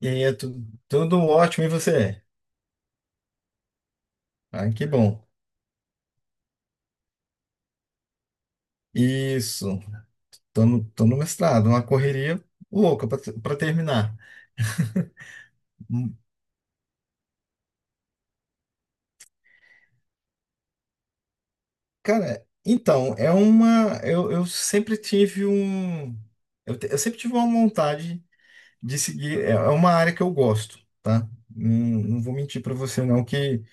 E aí, tudo ótimo, e você? Ah, que bom. Isso, tô no mestrado, uma correria louca para terminar. Hum, Cara, então, é uma. Eu sempre tive um. Eu sempre tive uma vontade de seguir. É uma área que eu gosto, tá? Não, não vou mentir para você, não, que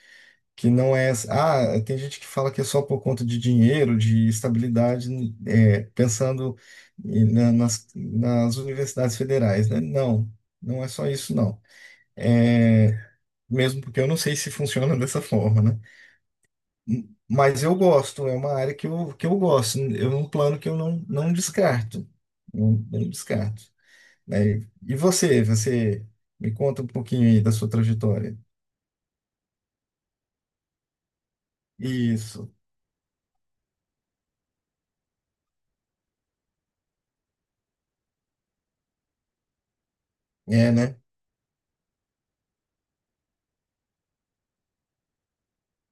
que não é. Ah, tem gente que fala que é só por conta de dinheiro, de estabilidade, pensando nas universidades federais, né? Não, não é só isso, não. É, mesmo porque eu não sei se funciona dessa forma, né? Mas eu gosto, é uma área que eu gosto, é um plano que eu não descarto, não descarto. Né? E você me conta um pouquinho aí da sua trajetória. Isso, é, né?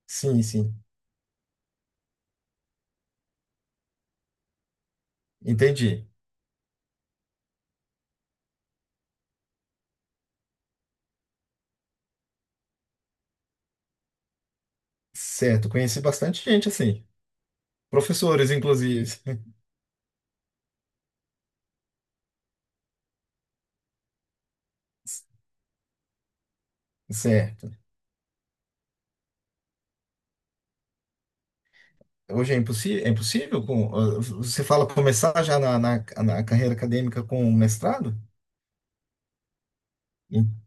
Sim, sim, entendi. Certo, conheci bastante gente assim, professores inclusive. Certo. Hoje é impossível com, você fala começar já na carreira acadêmica com um mestrado? En-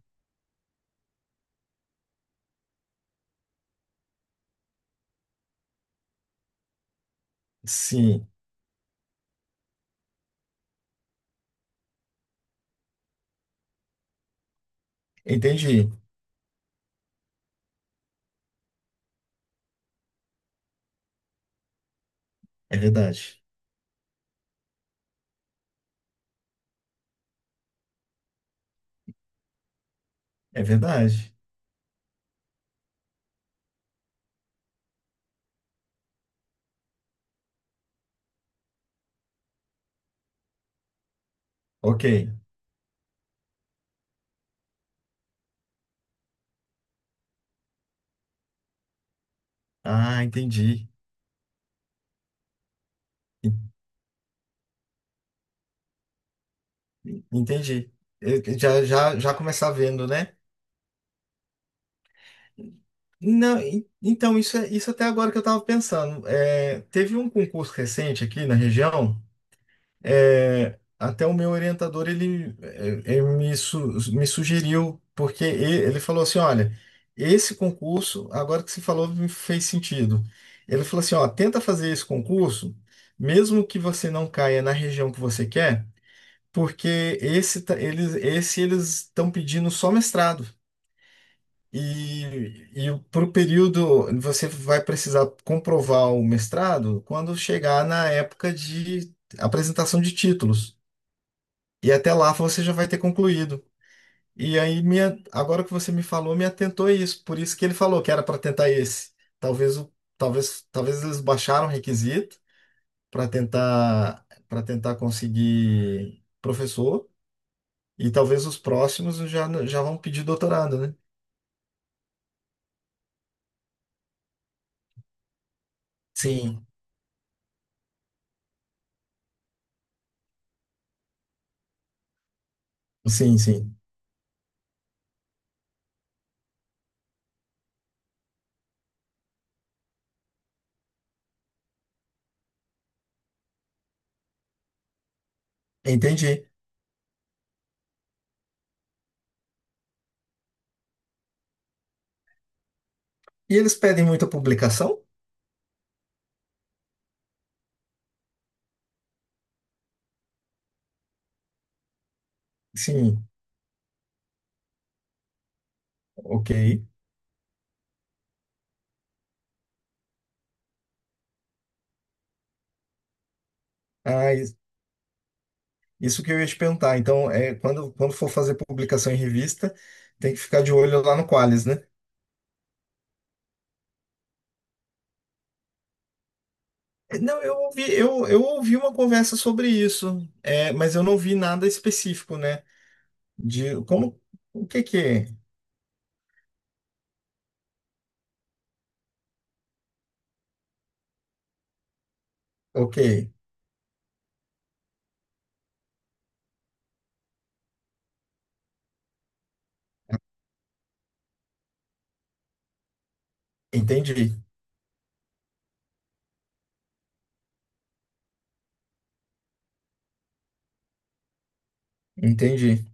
Sim, entendi. É verdade. É verdade. Ok. Ah, entendi. En- Entendi. Eu já começar vendo, né? Não, então, isso, isso até agora que eu estava pensando. É, teve um concurso recente aqui na região. É, até o meu orientador ele, me sugeriu, porque ele falou assim: olha, esse concurso, agora que você falou, me fez sentido. Ele falou assim: ó, tenta fazer esse concurso, mesmo que você não caia na região que você quer, porque esse tá- eles esse eles estão pedindo só mestrado. E, e para o período, você vai precisar comprovar o mestrado quando chegar na época de apresentação de títulos. E até lá você já vai ter concluído. E aí, minha, agora que você me falou, me atentou a isso. Por isso que ele falou que era para tentar esse. Talvez eles baixaram o requisito para tentar, conseguir professor. E talvez os próximos já vão pedir doutorado, né? Sim, sim, sim. Entendi. E eles pedem muita publicação? Sim, ok. Ah, isso que eu ia te perguntar. Então, quando for fazer publicação em revista, tem que ficar de olho lá no Qualis, né? Não, eu ouvi uma conversa sobre isso, mas eu não vi nada específico, né? De como, o que que é? Ok, entendi, entendi.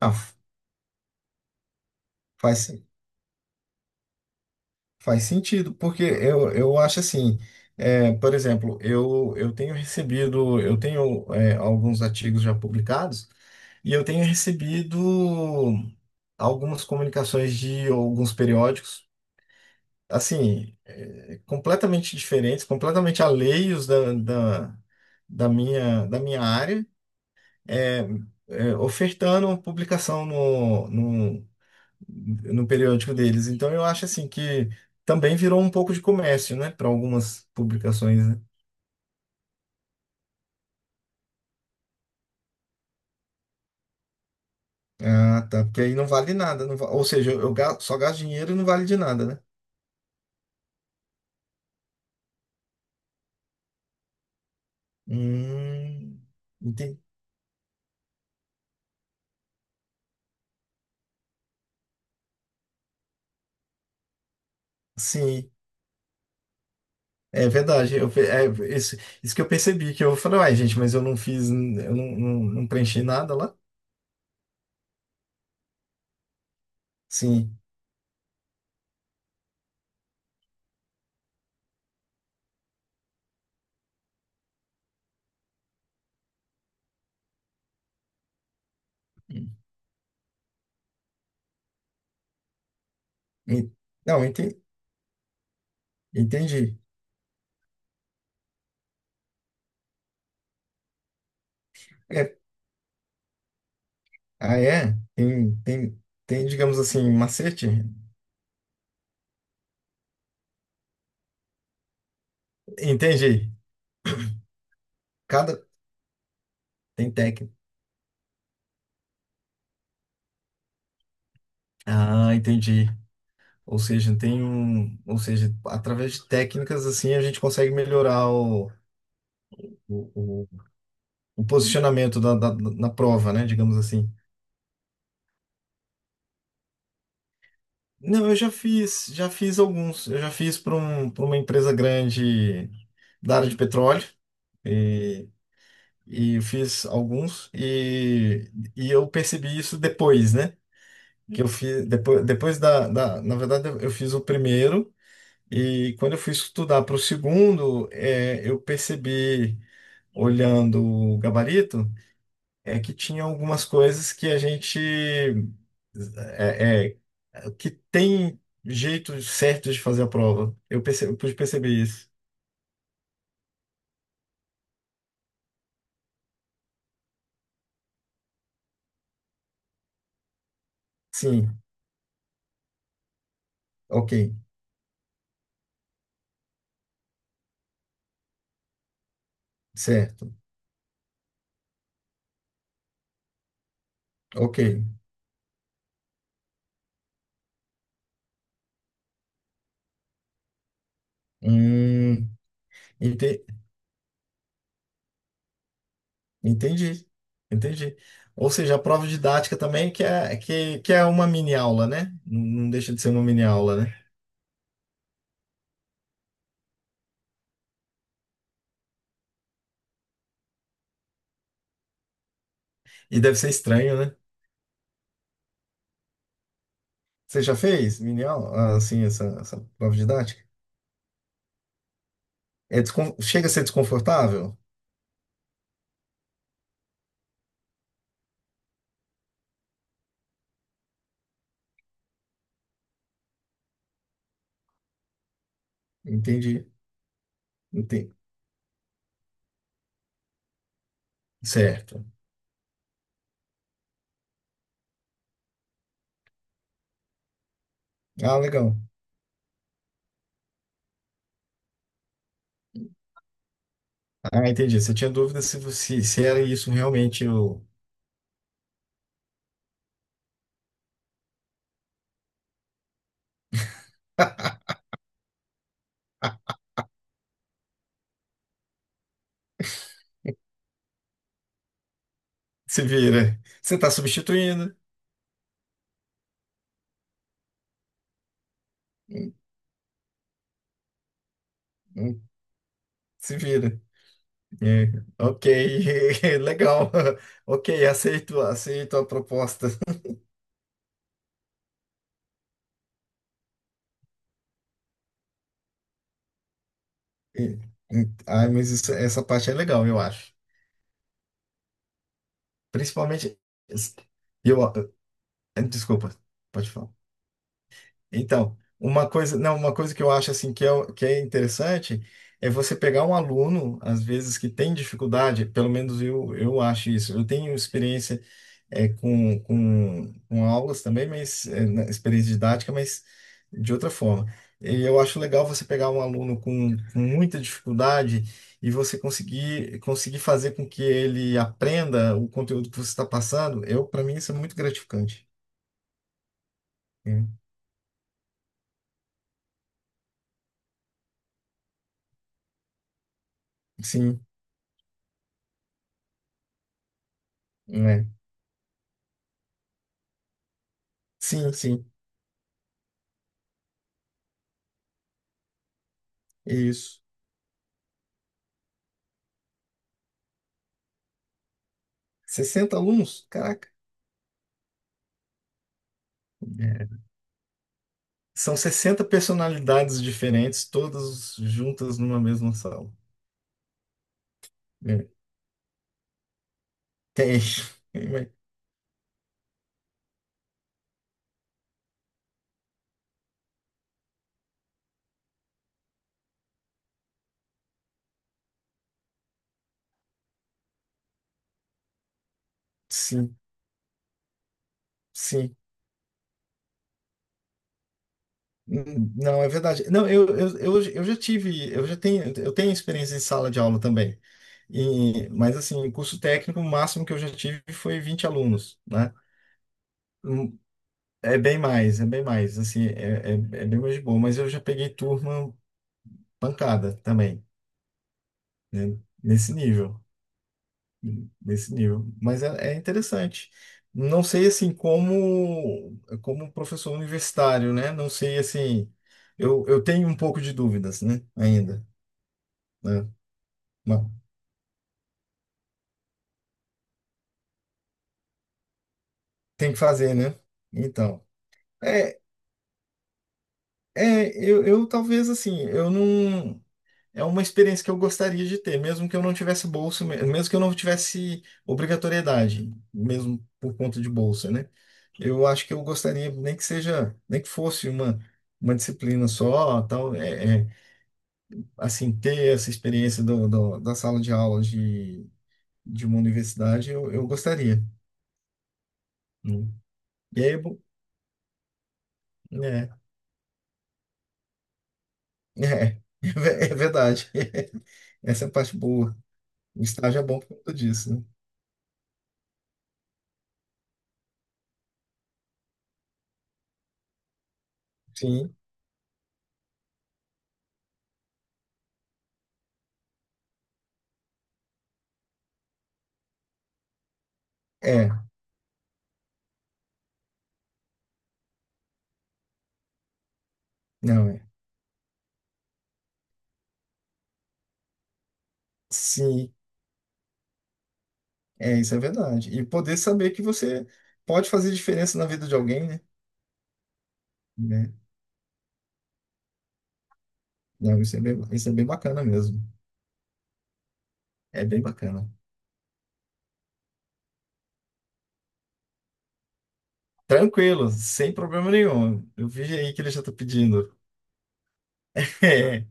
Ah, faz, faz sentido, porque eu acho assim, por exemplo, eu tenho recebido, eu tenho alguns artigos já publicados e eu tenho recebido algumas comunicações de alguns periódicos, assim, completamente diferentes, completamente alheios da minha área, é, ofertando publicação no periódico deles. Então eu acho assim que também virou um pouco de comércio, né, para algumas publicações, né? Ah, tá, porque aí não vale nada, não va- ou seja, eu só gasto dinheiro e não vale de nada, né? Hum, Entendi. Sim, é verdade. Eu, pe- é, isso, isso que eu percebi, que eu falei, uai, gente, mas eu não fiz, eu não preenchi nada lá. Sim. En- Não, entendi, É, ah, é? Tem, digamos assim, um macete? Entendi. Cada, Tem técnica. Ah, entendi. Ou seja, ou seja, através de técnicas assim a gente consegue melhorar o, o- o posicionamento na prova, né? Digamos assim. Não, eu já fiz alguns. Eu já fiz para uma empresa grande da área de petróleo e, e eu fiz alguns e eu percebi isso depois, né? Que eu fiz depois na verdade eu fiz o primeiro. E quando eu fui estudar para o segundo, eu percebi, olhando o gabarito, é que tinha algumas coisas que a gente que tem jeito certo de fazer a prova. Eu pude perceber isso. Sim, ok, certo, ok. Hum, ente- entendi, entendi. Ou seja, a prova didática também, que é, que é uma mini aula, né? Não deixa de ser uma mini aula, né? E deve ser estranho, né? Você já fez mini aula, assim, essa prova didática? Chega a ser desconfortável? Entendi. Entendi. Certo. Ah, legal. Ah, entendi. Você tinha dúvida se era isso realmente o... Se vira. Você está substituindo. Hum, hum, Se vira. É, ok. Legal. Ok, aceito, aceito a proposta. E- Ah, mas essa parte é legal, eu acho. Principalmente... Eu... Desculpa. Pode falar. Então, uma coisa, não, uma coisa que eu acho assim que é, que é interessante é você pegar um aluno, às vezes, que tem dificuldade, pelo menos eu acho isso. Eu tenho experiência com aulas também, mas experiência didática, mas de outra forma. E eu acho legal você pegar um aluno com muita dificuldade e você conseguir fazer com que ele aprenda o conteúdo que você está passando. Para mim, isso é muito gratificante. Né? Sim, né? Sim, sim. Isso. 60 alunos? Caraca. É, são 60 personalidades diferentes, todas juntas numa mesma sala. É. Tem. Sim, sim. Não, é verdade. Não, eu já tive, eu já tenho, eu tenho experiência em sala de aula também. E, mas assim, em curso técnico, o máximo que eu já tive foi 20 alunos, né? Hum. É bem mais, assim, é bem mais de boa, mas eu já peguei turma pancada também, né? Nesse nível. Nesse nível. Mas é interessante. Não sei assim como professor universitário, né? Não sei assim. Eu tenho um pouco de dúvidas, né? Ainda, né? Mas tem que fazer, né? Então, é, eu talvez assim, eu não. É uma experiência que eu gostaria de ter, mesmo que eu não tivesse bolsa, mesmo que eu não tivesse obrigatoriedade, mesmo por conta de bolsa, né? Eu acho que eu gostaria, nem que seja, nem que fosse uma disciplina só, tal, assim, ter essa experiência da sala de aula de uma universidade, eu gostaria. Né? E aí, é, é verdade. Essa é a parte boa. O estágio é bom por conta disso, né? Sim, é, não é. Sim. É, isso é verdade. E poder saber que você pode fazer diferença na vida de alguém, né? Né? Não, isso é bem bacana mesmo. É bem bacana. Tranquilo, sem problema nenhum. Eu vi aí que ele já tá pedindo. É,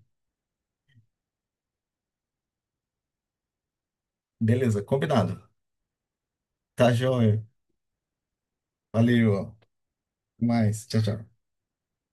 beleza, combinado. Tá joia. Valeu. Até mais. Tchau, tchau.